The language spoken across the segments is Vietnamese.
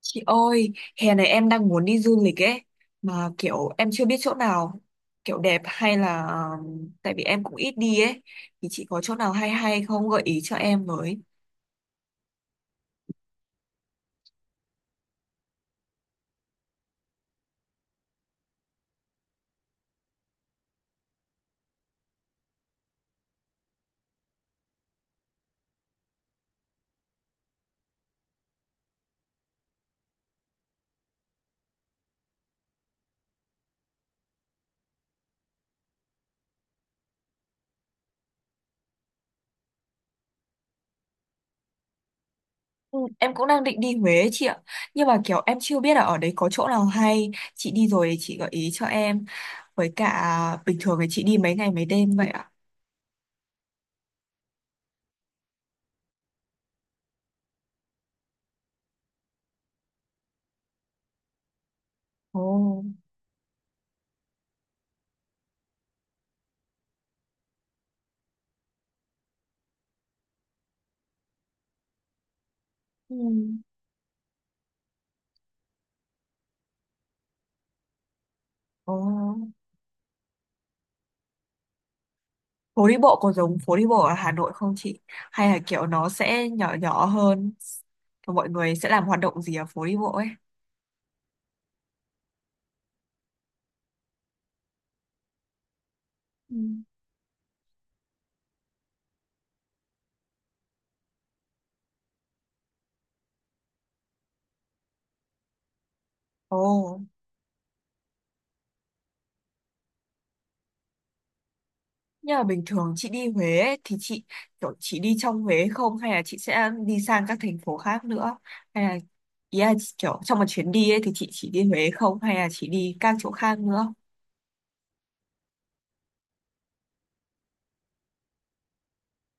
Chị ơi, hè này em đang muốn đi du lịch ấy, mà kiểu em chưa biết chỗ nào kiểu đẹp hay là tại vì em cũng ít đi ấy, thì chị có chỗ nào hay hay không gợi ý cho em với. Ừ, em cũng đang định đi Huế ấy, chị ạ, nhưng mà kiểu em chưa biết là ở đấy có chỗ nào hay, chị đi rồi thì chị gợi ý cho em, với cả bình thường thì chị đi mấy ngày mấy đêm vậy ạ. Ồ, ừ. Ồ. Phố đi bộ có giống phố đi bộ ở Hà Nội không chị? Hay là kiểu nó sẽ nhỏ nhỏ hơn? Và mọi người sẽ làm hoạt động gì ở phố đi bộ ấy? Ừ. Ồ, nhưng mà bình thường chị đi Huế ấy, thì chị kiểu chị đi trong Huế không? Hay là chị sẽ đi sang các thành phố khác nữa? Hay là ý là chị kiểu trong một chuyến đi ấy thì chị chỉ đi Huế không? Hay là chị đi các chỗ khác nữa?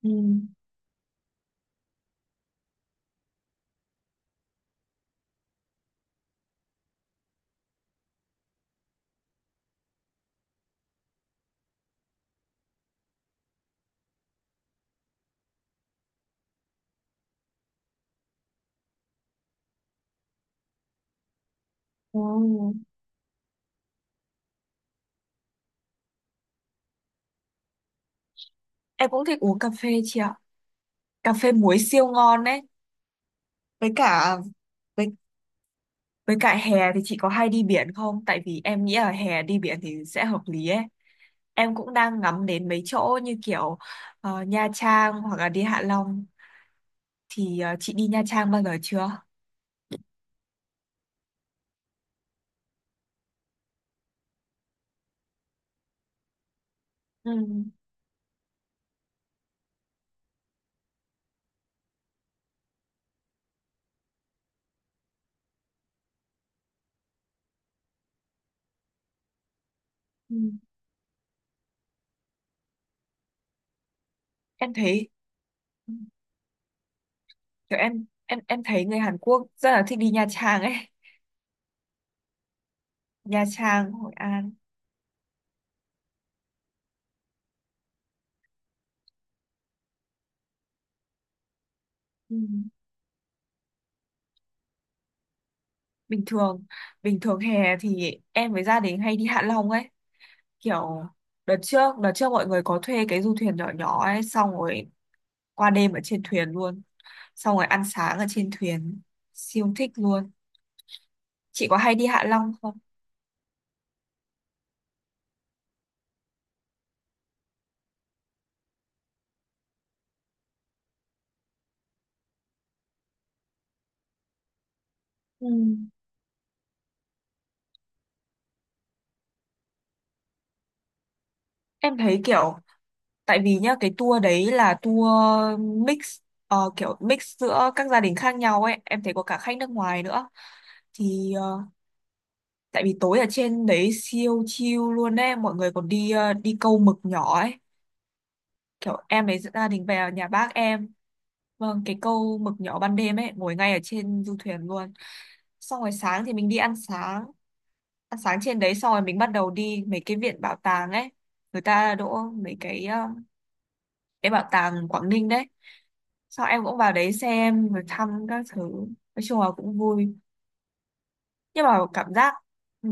Ừ. Ồ. Em cũng thích uống cà phê chị ạ. Cà phê muối siêu ngon đấy. Với cả với Với cả hè thì chị có hay đi biển không? Tại vì em nghĩ là hè đi biển thì sẽ hợp lý ấy. Em cũng đang ngắm đến mấy chỗ như kiểu Nha Trang hoặc là đi Hạ Long. Thì chị đi Nha Trang bao giờ chưa? Ừ. Ừ. Em thấy kiểu em thấy người Hàn Quốc rất là thích đi Nha Trang ấy. Nha Trang, Hội An. Ừ. bình thường bình thường hè thì em với gia đình hay đi Hạ Long ấy, kiểu đợt trước mọi người có thuê cái du thuyền nhỏ nhỏ ấy, xong rồi qua đêm ở trên thuyền luôn, xong rồi ăn sáng ở trên thuyền, siêu thích luôn. Chị có hay đi Hạ Long không? Ừ. Em thấy kiểu tại vì nhá cái tour đấy là tour mix, kiểu mix giữa các gia đình khác nhau ấy, em thấy có cả khách nước ngoài nữa. Thì tại vì tối ở trên đấy siêu chill luôn ấy, mọi người còn đi đi câu mực nhỏ ấy, kiểu em ấy dẫn gia đình về nhà bác em. Vâng, cái câu mực nhỏ ban đêm ấy ngồi ngay ở trên du thuyền luôn, xong rồi sáng thì mình đi ăn sáng, ăn sáng trên đấy xong rồi mình bắt đầu đi mấy cái viện bảo tàng ấy, người ta đỗ mấy cái cái bảo tàng Quảng Ninh đấy, xong em cũng vào đấy xem rồi thăm các thứ. Nói chung là cũng vui, nhưng mà cảm giác, ừ,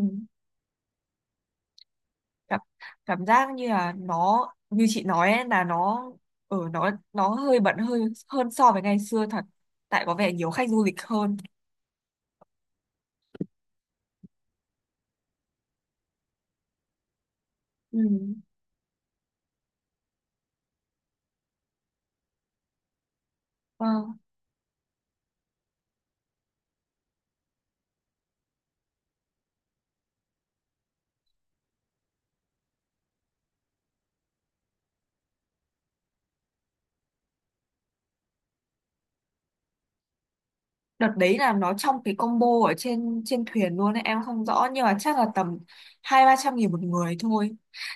cảm cảm giác như là nó như chị nói ấy, là nó ở nó hơi bận hơi hơn so với ngày xưa thật, tại có vẻ nhiều khách du lịch hơn. Ừ. Vâng. Đợt đấy là nó trong cái combo ở trên trên thuyền luôn ấy, em không rõ nhưng mà chắc là tầm hai ba trăm nghìn một người thôi.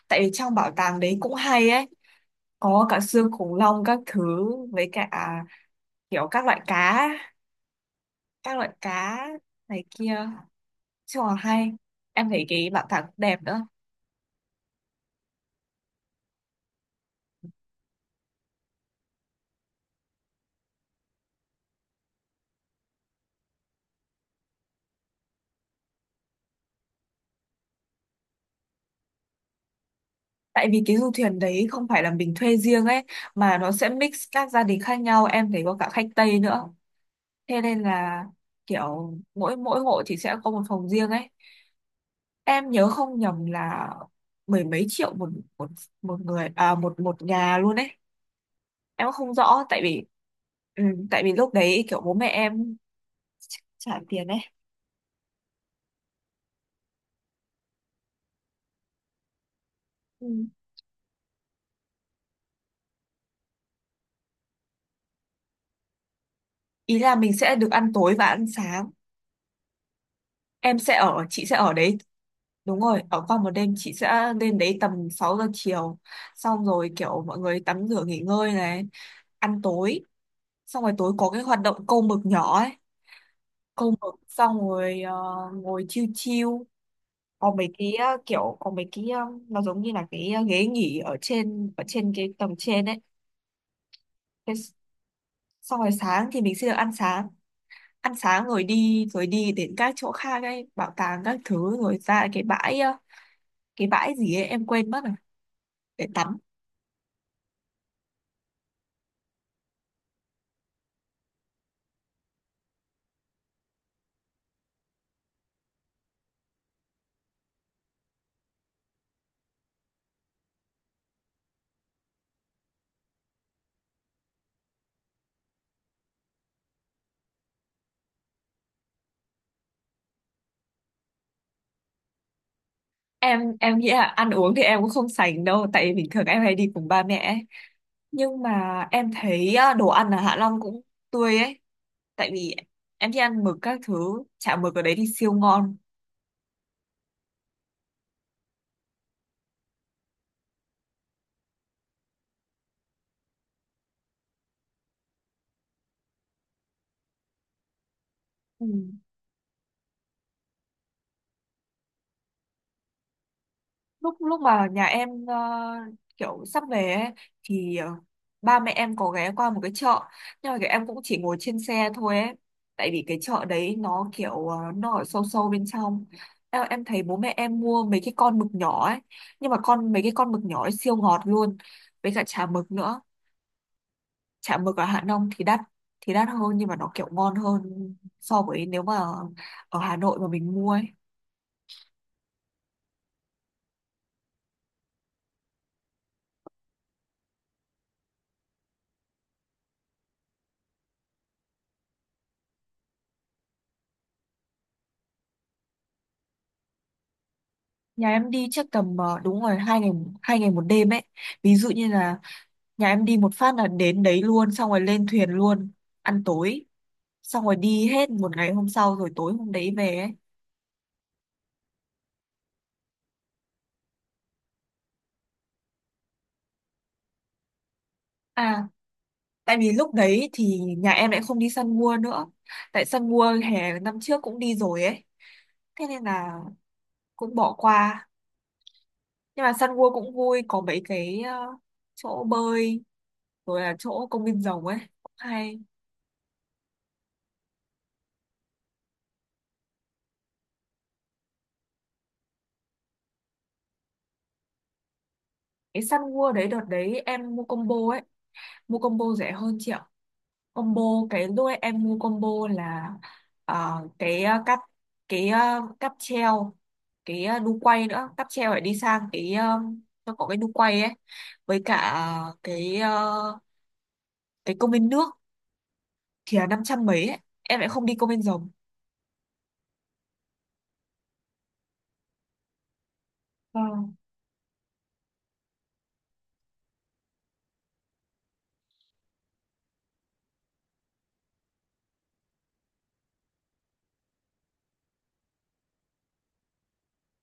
Tại vì trong bảo tàng đấy cũng hay ấy, có cả xương khủng long các thứ, với cả kiểu các loại cá, các loại cá, này kia, chung là hay. Em thấy cái bảo tàng cũng đẹp nữa. Tại vì cái du thuyền đấy không phải là mình thuê riêng ấy, mà nó sẽ mix các gia đình khác nhau, em thấy có cả khách Tây nữa, thế nên là kiểu mỗi mỗi hộ thì sẽ có một phòng riêng ấy. Em nhớ không nhầm là mười mấy triệu một một một người, à một một nhà luôn ấy. Em không rõ tại vì, ừ, tại vì lúc đấy kiểu bố mẹ em trả tiền ấy. Ừ. Ý là mình sẽ được ăn tối và ăn sáng, em sẽ ở, chị sẽ ở đấy. Đúng rồi, ở qua một đêm, chị sẽ lên đấy tầm 6 giờ chiều. Xong rồi kiểu mọi người tắm rửa nghỉ ngơi này, ăn tối, xong rồi tối có cái hoạt động câu mực nhỏ ấy. Câu mực xong rồi ngồi chiêu chiêu. Có mấy cái kiểu có mấy cái nó giống như là cái ghế nghỉ ở trên cái tầng trên ấy. Thế s- Xong rồi sáng thì mình sẽ được ăn sáng, ăn sáng rồi đi đến các chỗ khác ấy, bảo tàng các thứ, rồi ra cái bãi cái bãi gì ấy em quên mất rồi, để tắm. Em nghĩ là ăn uống thì em cũng không sành đâu, tại vì bình thường em hay đi cùng ba mẹ ấy. Nhưng mà em thấy đồ ăn ở Hạ Long cũng tươi ấy, tại vì em đi ăn mực các thứ, chả mực ở đấy thì siêu ngon. Ừ. lúc lúc mà nhà em kiểu sắp về ấy, thì ba mẹ em có ghé qua một cái chợ, nhưng mà cái em cũng chỉ ngồi trên xe thôi ấy, tại vì cái chợ đấy nó kiểu nó ở sâu sâu bên trong. Em thấy bố mẹ em mua mấy cái con mực nhỏ ấy, nhưng mà mấy cái con mực nhỏ ấy siêu ngọt luôn, với cả chả mực nữa. Chả mực ở Hạ Long thì đắt, đắt hơn nhưng mà nó kiểu ngon hơn so với nếu mà ở Hà Nội mà mình mua ấy. Nhà em đi chắc tầm đúng rồi, 2 ngày, 2 ngày 1 đêm ấy. Ví dụ như là nhà em đi một phát là đến đấy luôn, xong rồi lên thuyền luôn, ăn tối, xong rồi đi hết một ngày hôm sau rồi tối hôm đấy về ấy. À, tại vì lúc đấy thì nhà em lại không đi săn mua nữa, tại săn mua hè năm trước cũng đi rồi ấy, thế nên là cũng bỏ qua. Nhưng mà săn mua cũng vui, có mấy cái chỗ bơi, rồi là chỗ công viên rồng ấy cũng hay. Cái săn mua đấy đợt đấy em mua combo ấy, mua combo rẻ hơn chị ạ. Combo, cái lúc ấy em mua combo là ờ, cái ờ, cáp cái cáp treo, cái đu quay nữa, cáp treo phải đi sang cái nó có cái đu quay ấy, với cả cái công viên nước, thì là năm trăm mấy ấy. Em lại không đi công viên rồng. Vâng.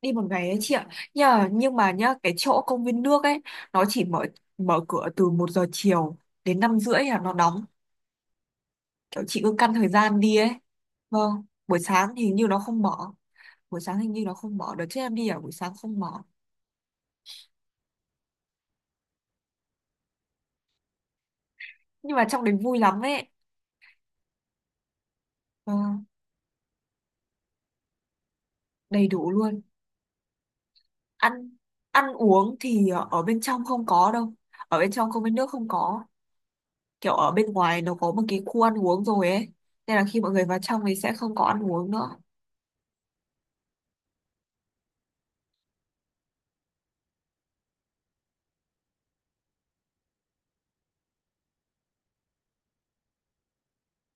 Đi một ngày ấy chị ạ, nhờ nhưng mà nhá cái chỗ công viên nước ấy nó chỉ mở, mở cửa từ 1 giờ chiều đến 5 rưỡi là nó đóng, kiểu chị cứ căn thời gian đi ấy. Vâng, buổi sáng thì hình như nó không mở. Buổi sáng hình như nó không mở, đợt trước em đi ở buổi sáng không mở. Nhưng mà trong đấy vui lắm ấy. Vâng, đầy đủ luôn. Ăn ăn uống thì ở bên trong không có đâu, ở bên trong không, bên nước không có, kiểu ở bên ngoài nó có một cái khu ăn uống rồi ấy, nên là khi mọi người vào trong thì sẽ không có ăn uống nữa.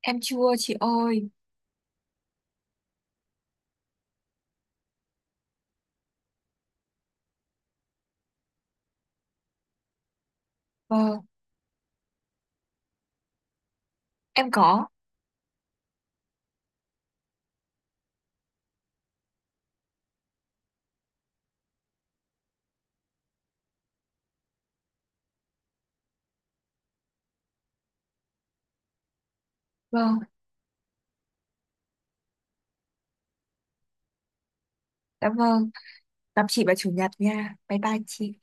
Em chưa chị ơi. Vâng. Em có. Vâng, cảm ơn. Gặp chị vào chủ nhật nha, bye bye chị.